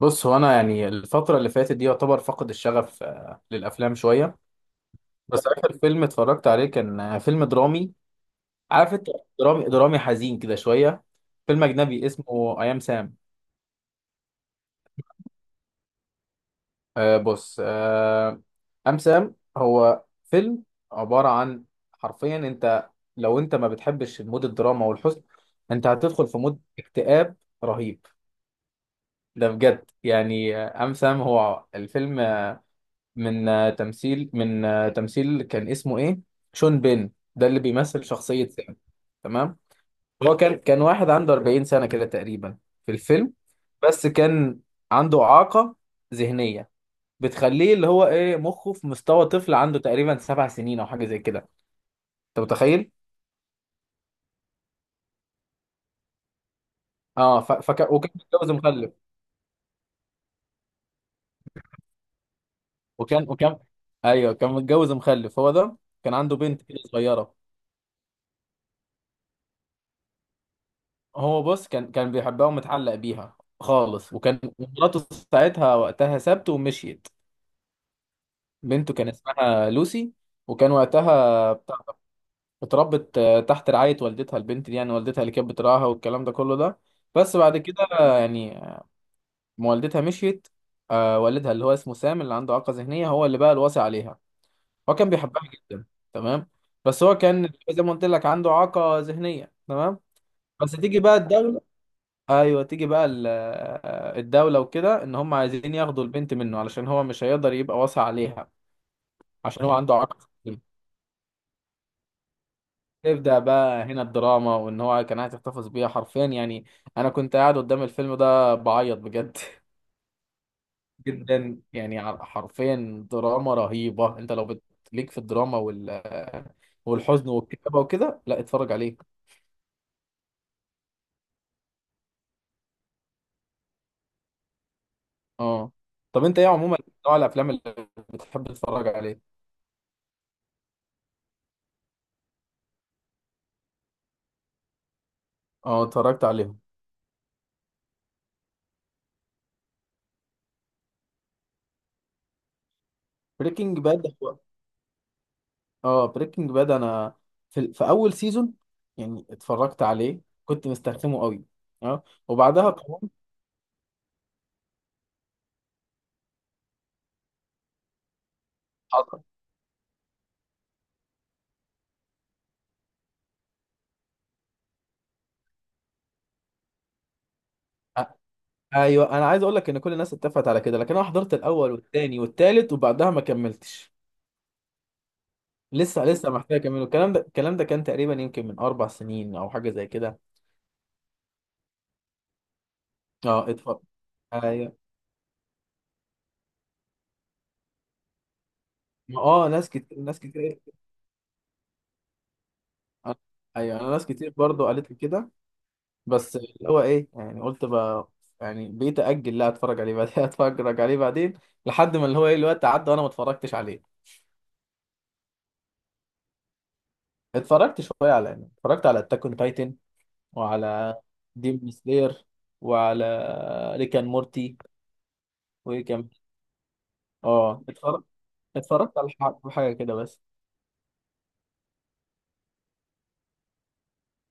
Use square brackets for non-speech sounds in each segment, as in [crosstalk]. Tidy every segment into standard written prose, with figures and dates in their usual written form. بص، هو انا يعني الفتره اللي فاتت دي يعتبر فقد الشغف للافلام شويه. بس اخر فيلم اتفرجت عليه كان فيلم درامي. عارف انت، درامي درامي حزين كده شويه. فيلم اجنبي اسمه اي ام سام. بص ام سام هو فيلم عباره عن، حرفيا انت لو انت ما بتحبش مود الدراما والحزن انت هتدخل في مود اكتئاب رهيب. ده بجد يعني ام سام هو الفيلم من تمثيل كان اسمه ايه؟ شون بين ده اللي بيمثل شخصية سام. تمام. هو كان واحد عنده 40 سنة كده تقريبا في الفيلم. بس كان عنده إعاقة ذهنية بتخليه اللي هو ايه مخه في مستوى طفل عنده تقريبا 7 سنين او حاجة زي كده. انت متخيل. اه وكان متجوز مخلف. وكان ايوه كان متجوز مخلف هو ده. كان عنده بنت كده صغيرة. هو بص كان بيحبها ومتعلق بيها خالص، وكان مراته ساعتها وقتها سابته ومشيت. بنته كان اسمها لوسي. وكان وقتها بتاع ده، اتربت تحت رعاية والدتها، البنت دي يعني والدتها اللي كانت بتراعاها والكلام ده كله ده. بس بعد كده يعني ما والدتها مشيت، والدها اللي هو اسمه سام اللي عنده إعاقة ذهنية هو اللي بقى الوصي عليها. هو كان بيحبها جدا. تمام. بس هو كان زي ما قلت لك عنده إعاقة ذهنية، تمام. بس تيجي بقى الدولة. ايوه تيجي بقى الدولة وكده ان هم عايزين ياخدوا البنت منه علشان هو مش هيقدر يبقى واسع عليها. عشان هو عنده عقد. تبدأ بقى هنا الدراما، وان هو كان عايز يحتفظ بيها حرفيا يعني. انا كنت قاعد قدام الفيلم ده بعيط بجد [laughs] جدا يعني حرفيا دراما رهيبة. انت لو ليك في الدراما والحزن والكتابة وكده لا اتفرج عليه. اه. طب انت ايه عموما نوع الافلام اللي بتحب تتفرج عليه؟ اه اتفرجت عليهم بريكنج باد. اه بريكنج باد انا في, في اول سيزون يعني اتفرجت عليه كنت مسترخمه قوي. اه وبعدها قمت. حضر. آه، ايوه، انا عايز اقول لك ان كل الناس اتفقت على كده لكن انا حضرت الاول والثاني والثالث وبعدها ما كملتش. لسه لسه [laughs] محتاج اكمله. الكلام ده الكلام ده كان تقريبا يمكن من اربع سنين او حاجه زي كده. اه اتفرج. ايوه. ما اه، ناس كتير ناس كتير. ايوه، انا ناس كتير برضو قالت لي كده، بس اللي هو ايه يعني قلت بقى يعني بقيت اجل لا اتفرج عليه بعدين [laughs] اتفرج عليه بعدين لحد ما اللي هو ايه الوقت عدى وانا ما اتفرجتش عليه. اتفرجت شويه على يعني اتفرجت على اتاك اون تايتن وعلى ديم سلاير وعلى ريك اند مورتي. وايه كمان؟ اه اتفرجت. اتفرجت على حاجه كده بس.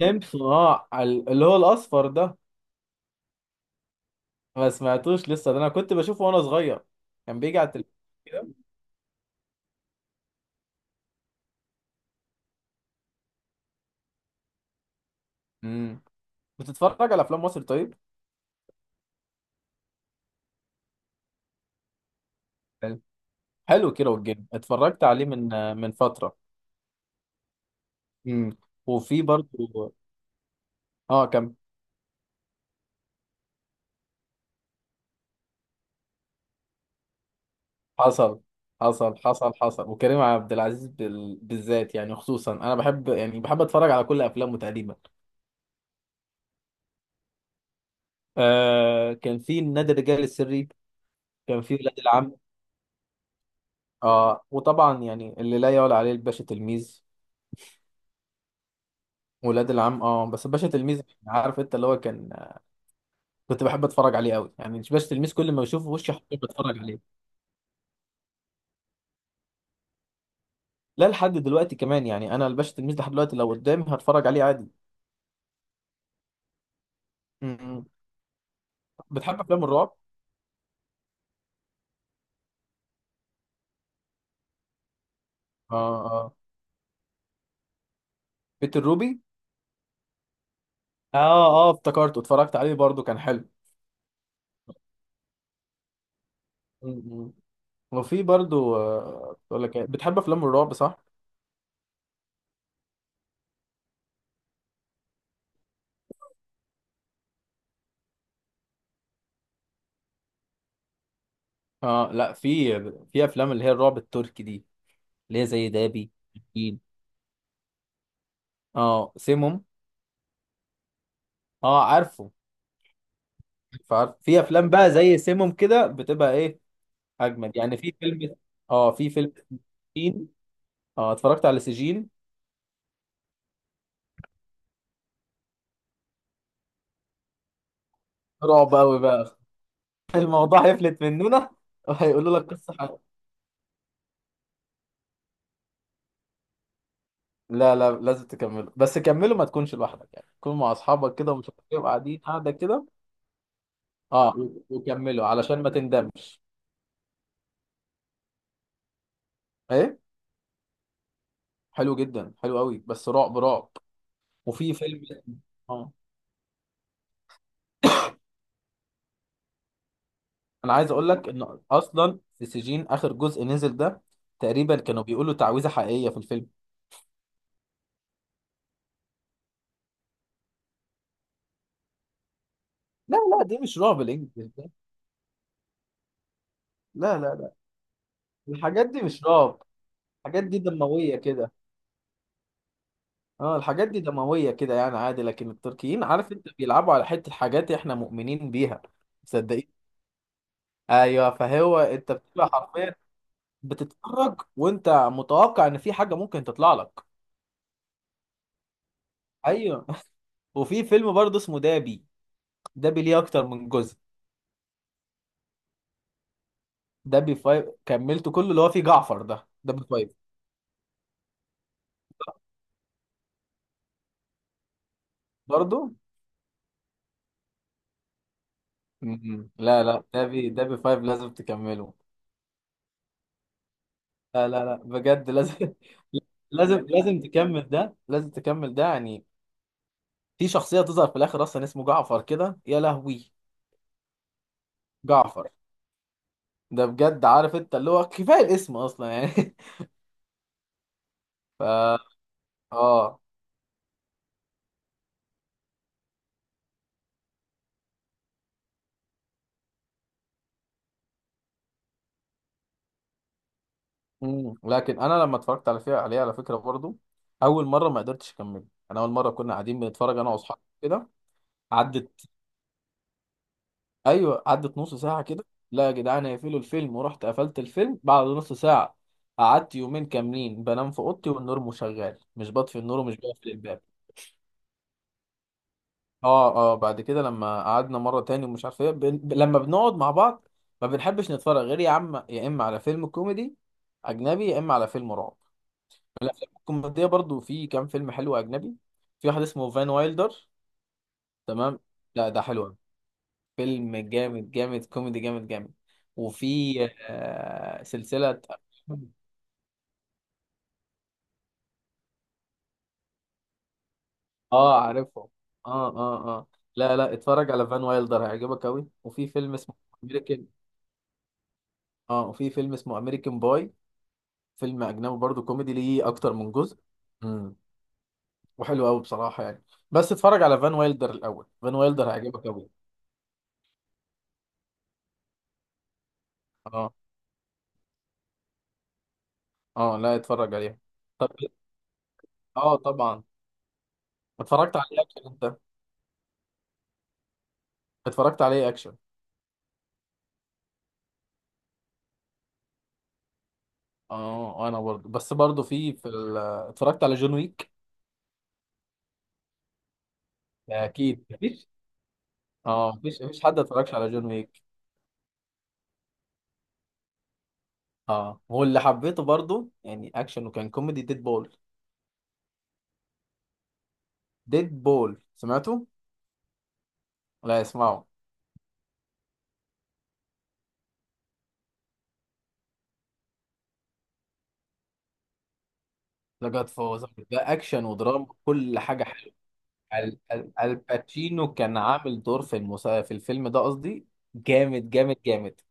سيمبسون، اه اللي هو الاصفر ده؟ ما سمعتوش لسه ده، انا كنت بشوفه وانا صغير كان بيجي على التلفزيون كده. امم. بتتفرج على افلام مصر طيب؟ حلو كيرة والجن، اتفرجت عليه من فترة. امم. وفي برضو اه كان. حصل. حصل وكريم عبد العزيز بالذات يعني، خصوصا انا بحب يعني بحب اتفرج على كل افلامه تقريبا. آه كان في نادي الرجال السري. كان في ولاد العم. اه وطبعا يعني اللي لا يعلى عليه الباشا تلميذ. ولاد العم اه، بس الباشا تلميذ عارف انت اللي هو كان، كنت بحب اتفرج عليه قوي يعني. الباشا تلميذ كل ما بشوفه وشي حرفيا بتفرج عليه. لا لحد دلوقتي كمان يعني، انا الباشا تلميذ لحد دلوقتي لو قدامي هتفرج عليه عادي. م-م. بتحب افلام الرعب؟ اه اه. بيت الروبي. اه اه، افتكرته اتفرجت عليه برضو كان حلو. م-م. وفي برضو بقول لك إيه، بتحب افلام الرعب صح؟ اه لا، في افلام اللي هي الرعب التركي دي اللي هي زي دابي. أكيد. اه سيموم. اه عارفه. فعارف، في افلام بقى زي سيموم كده بتبقى ايه، اجمد يعني. في فيلم، اه في فيلم سجين. اه اتفرجت على سجين. رعب قوي بقى. الموضوع هيفلت مننا. وهيقولوا لك قصة حلوة. لا لا لازم تكمله، بس كمله ما تكونش لوحدك يعني، تكون مع اصحابك كده ومش عارف ايه وقاعدين قاعدة كده. اه وكمله علشان ما تندمش. ايه؟ حلو جدا، حلو قوي، بس رعب رعب. وفي فيلم اه، انا عايز اقول لك ان اصلا في سجين اخر جزء نزل ده تقريبا كانوا بيقولوا تعويذة حقيقية في الفيلم. لا لا، دي مش رعب الانجليزي ده. لا لا لا، الحاجات دي مش رعب. الحاجات دي دموية كده. اه الحاجات دي دموية كده يعني عادي، لكن التركيين عارف انت بيلعبوا على حتة حاجات احنا مؤمنين بيها. صدقين. ايوه، فهو انت بتبقى حرفيا بتتفرج وانت متوقع ان في حاجة ممكن تطلع لك. ايوه [laughs] وفي فيلم برضه اسمه دابي. دابي ليه اكتر من جزء. دابي فايف كملته كله، اللي هو فيه جعفر ده، دابي فايف. برضه. م-م. لا لا دابي فايف لازم تكمله. لا لا لا بجد لازم. [laughs] لازم لازم تكمل ده، لازم تكمل ده يعني. في شخصية تظهر في الآخر أصلا اسمه جعفر كده، يا لهوي، جعفر. ده بجد عارف أنت اللي هو كفاية الاسم أصلا يعني. [laughs] فا آه. مم. لكن أنا لما اتفرجت على فيها عليها على فكرة برضو أول مرة ما قدرتش أكمل. أنا أول مرة كنا قاعدين بنتفرج أنا وأصحابي كده. عدت. أيوه، عدت نص ساعة كده. لا يا جدعان، هيقفلوا الفيلم، ورحت قفلت الفيلم بعد نص ساعة. قعدت يومين كاملين بنام في أوضتي والنور مشغل، مش بطفي النور ومش بقفل الباب. اه اه، بعد كده لما قعدنا مره تاني ومش عارف ايه لما بنقعد مع بعض، ما بنحبش نتفرج غير يا عم يا اما على فيلم كوميدي اجنبي يا اما على فيلم رعب. الافلام الكوميديه برضو، في كام فيلم حلو اجنبي. في واحد اسمه فان وايلدر. تمام. لا ده حلو أوي. فيلم جامد جامد كوميدي جامد جامد. وفي سلسله. اه عارفه. اه اه اه. لا لا، اتفرج على فان وايلدر هيعجبك قوي. وفي فيلم اسمه امريكان اه وفي فيلم اسمه امريكان باي. فيلم اجنبي برضو كوميدي ليه اكتر من جزء. امم. وحلو قوي بصراحه يعني. بس اتفرج على فان وايلدر الاول، فان وايلدر هيعجبك قوي. اه اه لا اتفرج عليه. طب اه طبعا. اتفرجت عليه اكشن انت. اتفرجت عليه اكشن. اه انا برضو، برضو في اتفرجت على جون ويك. اكيد مفيش. اه مفيش، حد اتفرجش على جون ويك. اه واللي حبيته برضو يعني اكشن وكان كوميدي ديد بول. ديد بول سمعته. لا اسمعه. لا جاد فوز ده اكشن ودراما كل حاجه. الباتشينو كان عامل دور في في الفيلم ده قصدي. جامد جامد جامد.